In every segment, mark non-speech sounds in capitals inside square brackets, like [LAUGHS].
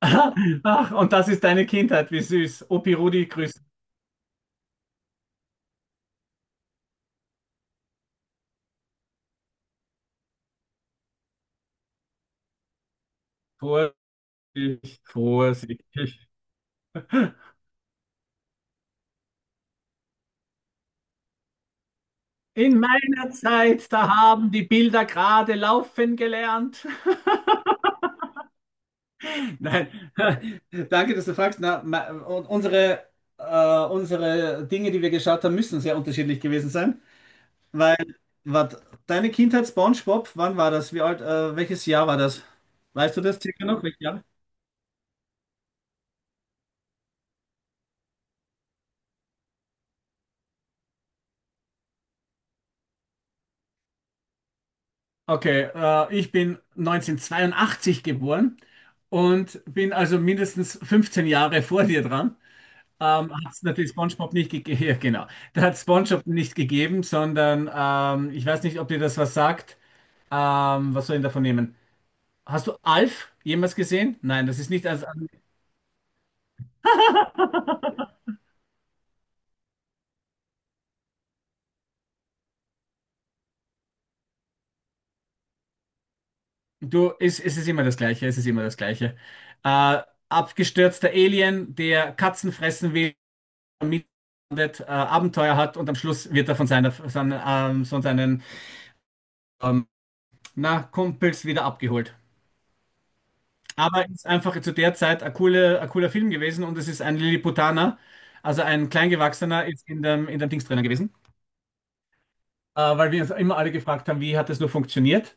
[LAUGHS] Ach, und das ist deine Kindheit, wie süß. Opi Rudi grüßt vorsichtig, vorsichtig. In meiner Zeit, da haben die Bilder gerade laufen gelernt. [LAUGHS] Nein, [LAUGHS] danke. Na, und unsere äh, Diesen sein, weil wat, deine Kindheit SpongeBob, wann war das? Wie alt? Welches Jahr war das? Weißt du das circa noch? Welches Jahr? Okay, ich bin 1982 geboren und bin also mindestens 15 Jahre vor dir dran. Hat es natürlich SpongeBob nicht gegeben. [LAUGHS] Ja, genau. Da hat SpongeBob nicht gegeben, sondern ich weiß nicht, ob dir das was sagt. Was soll ich denn davon nehmen? Hast du Alf jemals gesehen? Nein, das ist nicht. Also, du, es ist immer das Gleiche. Es ist immer das Gleiche. Äh, abgestürzter Alien, der Katzen fressen will, mit, Abenteuer hat und am Schluss wird er von seinen ähm, na, Kumpels wieder abgeholt. Aber ist einfach zu der Zeit ein cooler Film gewesen und es ist ein Lilliputaner, also ein Kleingewachsener, ist in dem Dings drinnen gewesen. Weil wir uns immer alle gefragt haben, wie hat das nur funktioniert.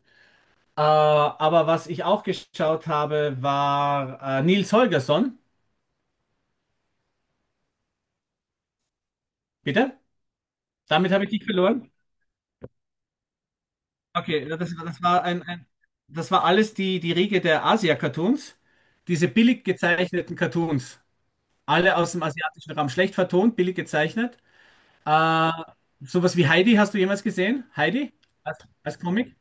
Aber was ich auch geschaut habe, war Nils Holgersson. Bitte? Damit habe ich dich verloren. Okay, ja, das war alles die Riege der Asia-Cartoons. Diese billig gezeichneten Cartoons. Alle aus dem asiatischen Raum schlecht vertont, billig gezeichnet. Äh, sowas wie Heidi hast du jemals gesehen? Heidi als, als Comic?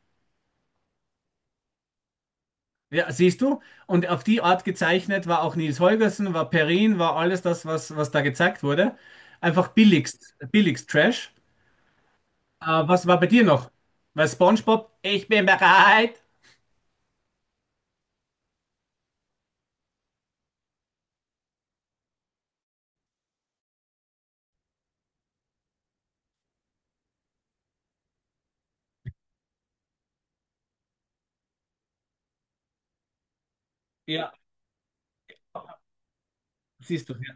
Ja, siehst du? Und auf die Art gezeichnet war auch Nils Holgersen, war Perrin, war alles das, was da gezeigt wurde. Einfach billigst, billigst Trash. Was war bei dir noch? Weil SpongeBob, ich bin bereit. Ja, siehst du. Ja.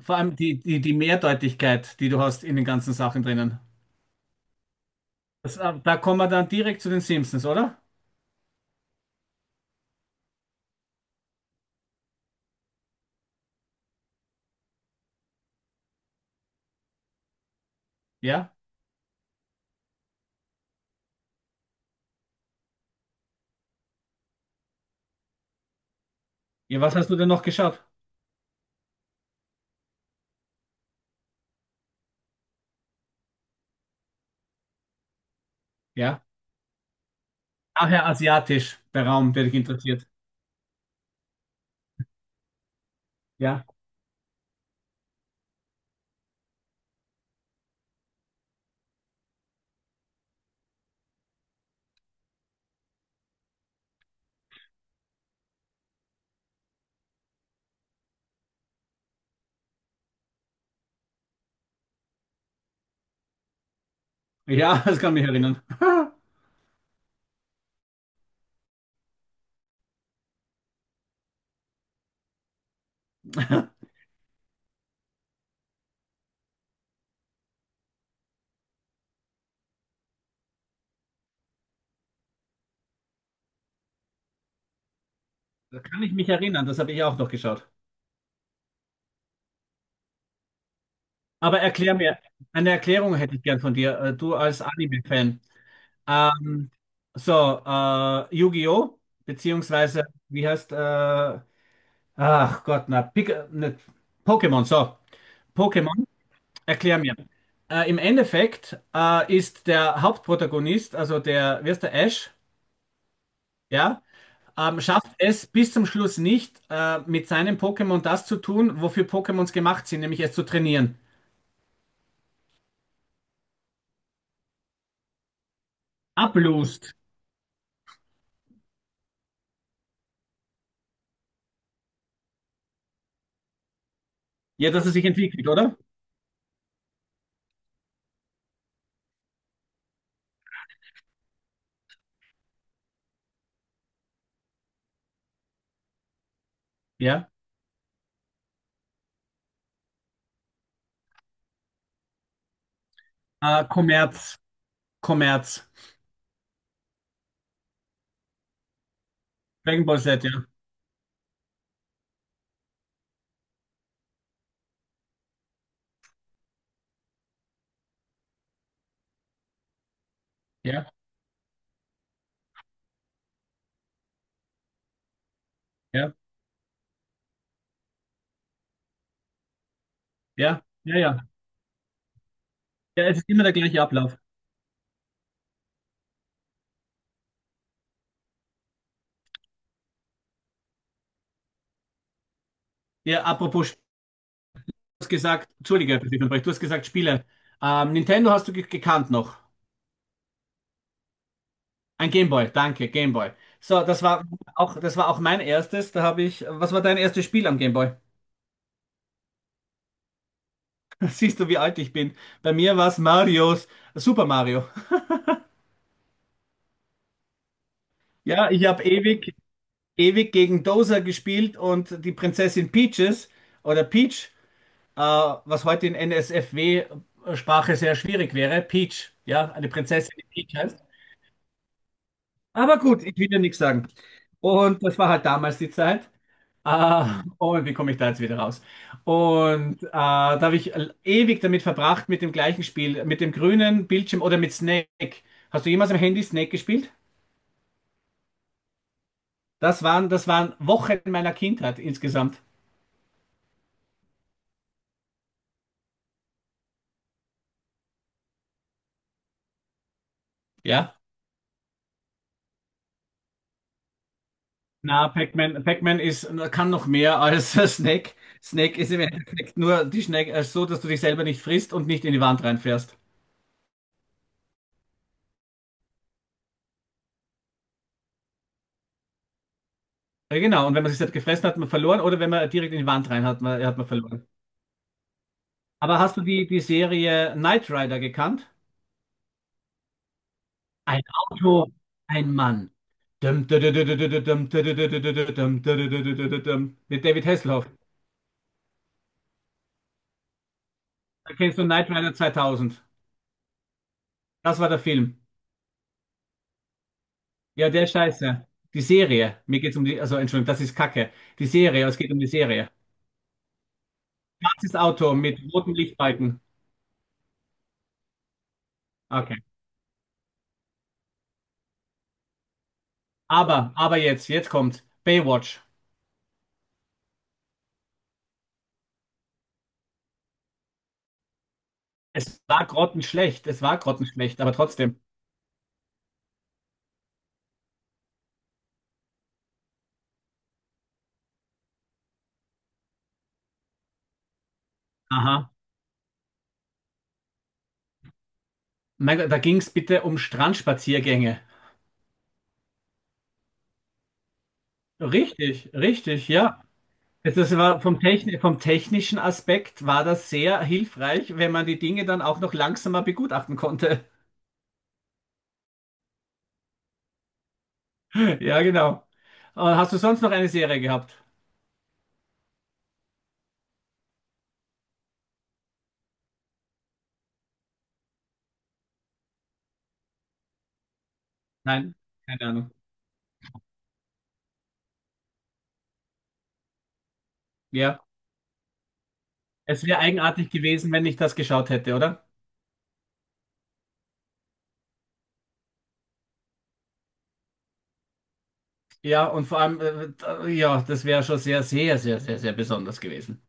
Vor allem die Mehrdeutigkeit, die du hast in den ganzen Sachen drinnen. Da kommen wir dann direkt zu den Simpsons, oder? Ja? Ja, was hast du denn noch geschaut? Ja. Nachher asiatisch, der Raum, der dich interessiert. Ja, ja, [LAUGHS] das kann mich erinnern. [LAUGHS] Da kann ich mich erinnern, das habe ich auch noch geschaut. Aber erklär mir, eine Erklärung hätte ich gern von dir, du als Anime-Fan. Ähm, so, Yu-Gi-Oh! Beziehungsweise, wie heißt, ach Gott, na, Pokémon, so, Pokémon, erklär mir. Im Endeffekt ist der Hauptprotagonist, also der, wie heißt der, Ash, ja, Schafft es bis zum Schluss nicht, mit seinem Pokémon das zu tun, wofür Pokémons gemacht sind, nämlich es zu trainieren. Ablust. Ja, dass er sich entwickelt, oder? Ja. Kommerz. Kommerz. Dragon Ball Z, ja. Ja, ja, ja, ja, ja. Ja, es ist immer der gleiche Ablauf. Ja, apropos, du hast gesagt, Entschuldige, dass ich unterbreche, du hast gesagt Spiele. Nintendo hast du ge gekannt noch. Ein Gameboy, danke, Gameboy. So, das war auch mein erstes. Was war dein erstes Spiel am Gameboy? [LAUGHS] Siehst du, wie alt ich bin? Bei mir war es Super Mario. Ja, ich habe ewig, ewig gegen Dozer gespielt und die Prinzessin Peaches oder Peach, was heute in NSFW-Sprache sehr schwierig wäre. Peach, ja, eine Prinzessin, die Peach heißt. Aber gut, ich will ja nichts sagen. Und das war halt damals die Zeit. Ah, oh, wie komme ich da jetzt wieder raus? Und da habe ich ewig damit verbracht, mit dem gleichen Spiel, mit dem grünen Bildschirm oder mit Snake. Hast du jemals am Handy Snake gespielt? Das waren Wochen meiner Kindheit insgesamt. Ja? Na, Pac-Man, kann noch mehr als [LAUGHS] Snake. Snake ist im Endeffekt nur die Snake, so, dass du dich selber nicht frisst und nicht in die Wand reinfährst. Ja, genau, und wenn man sich halt gefressen hat, hat man verloren, oder wenn man direkt in die Wand rein hat, hat man verloren. Aber hast du die Serie Knight Rider gekannt? Ein Auto, ein Mann. Dum, dum, dum, dum, dum, dum, dum, dum, dum, dum, dum. Mit David Hasselhoff. Da kennst du Knight Rider 2000. Das war der Film. Ja, der ist Scheiße. Die Serie. Mir geht's um die, also Entschuldigung, das ist Kacke. Die Serie, es geht um die Serie. Schwarzes Auto mit roten Lichtbalken. Okay. Aber jetzt kommt Baywatch. Es war grottenschlecht, aber trotzdem. Aha. Mein Gott, da ging es bitte um Strandspaziergänge. Richtig, richtig, ja. Das war vom technischen Aspekt war das sehr hilfreich, wenn man die Dinge dann auch noch langsamer begutachten konnte. [LAUGHS] Ja, genau. Hast du sonst noch eine Serie gehabt? Nein, keine Ahnung. Ja, es wäre eigenartig gewesen, wenn ich das geschaut hätte, oder? Ja, und vor allem, ja, das wäre schon sehr, sehr, sehr, sehr, sehr besonders gewesen.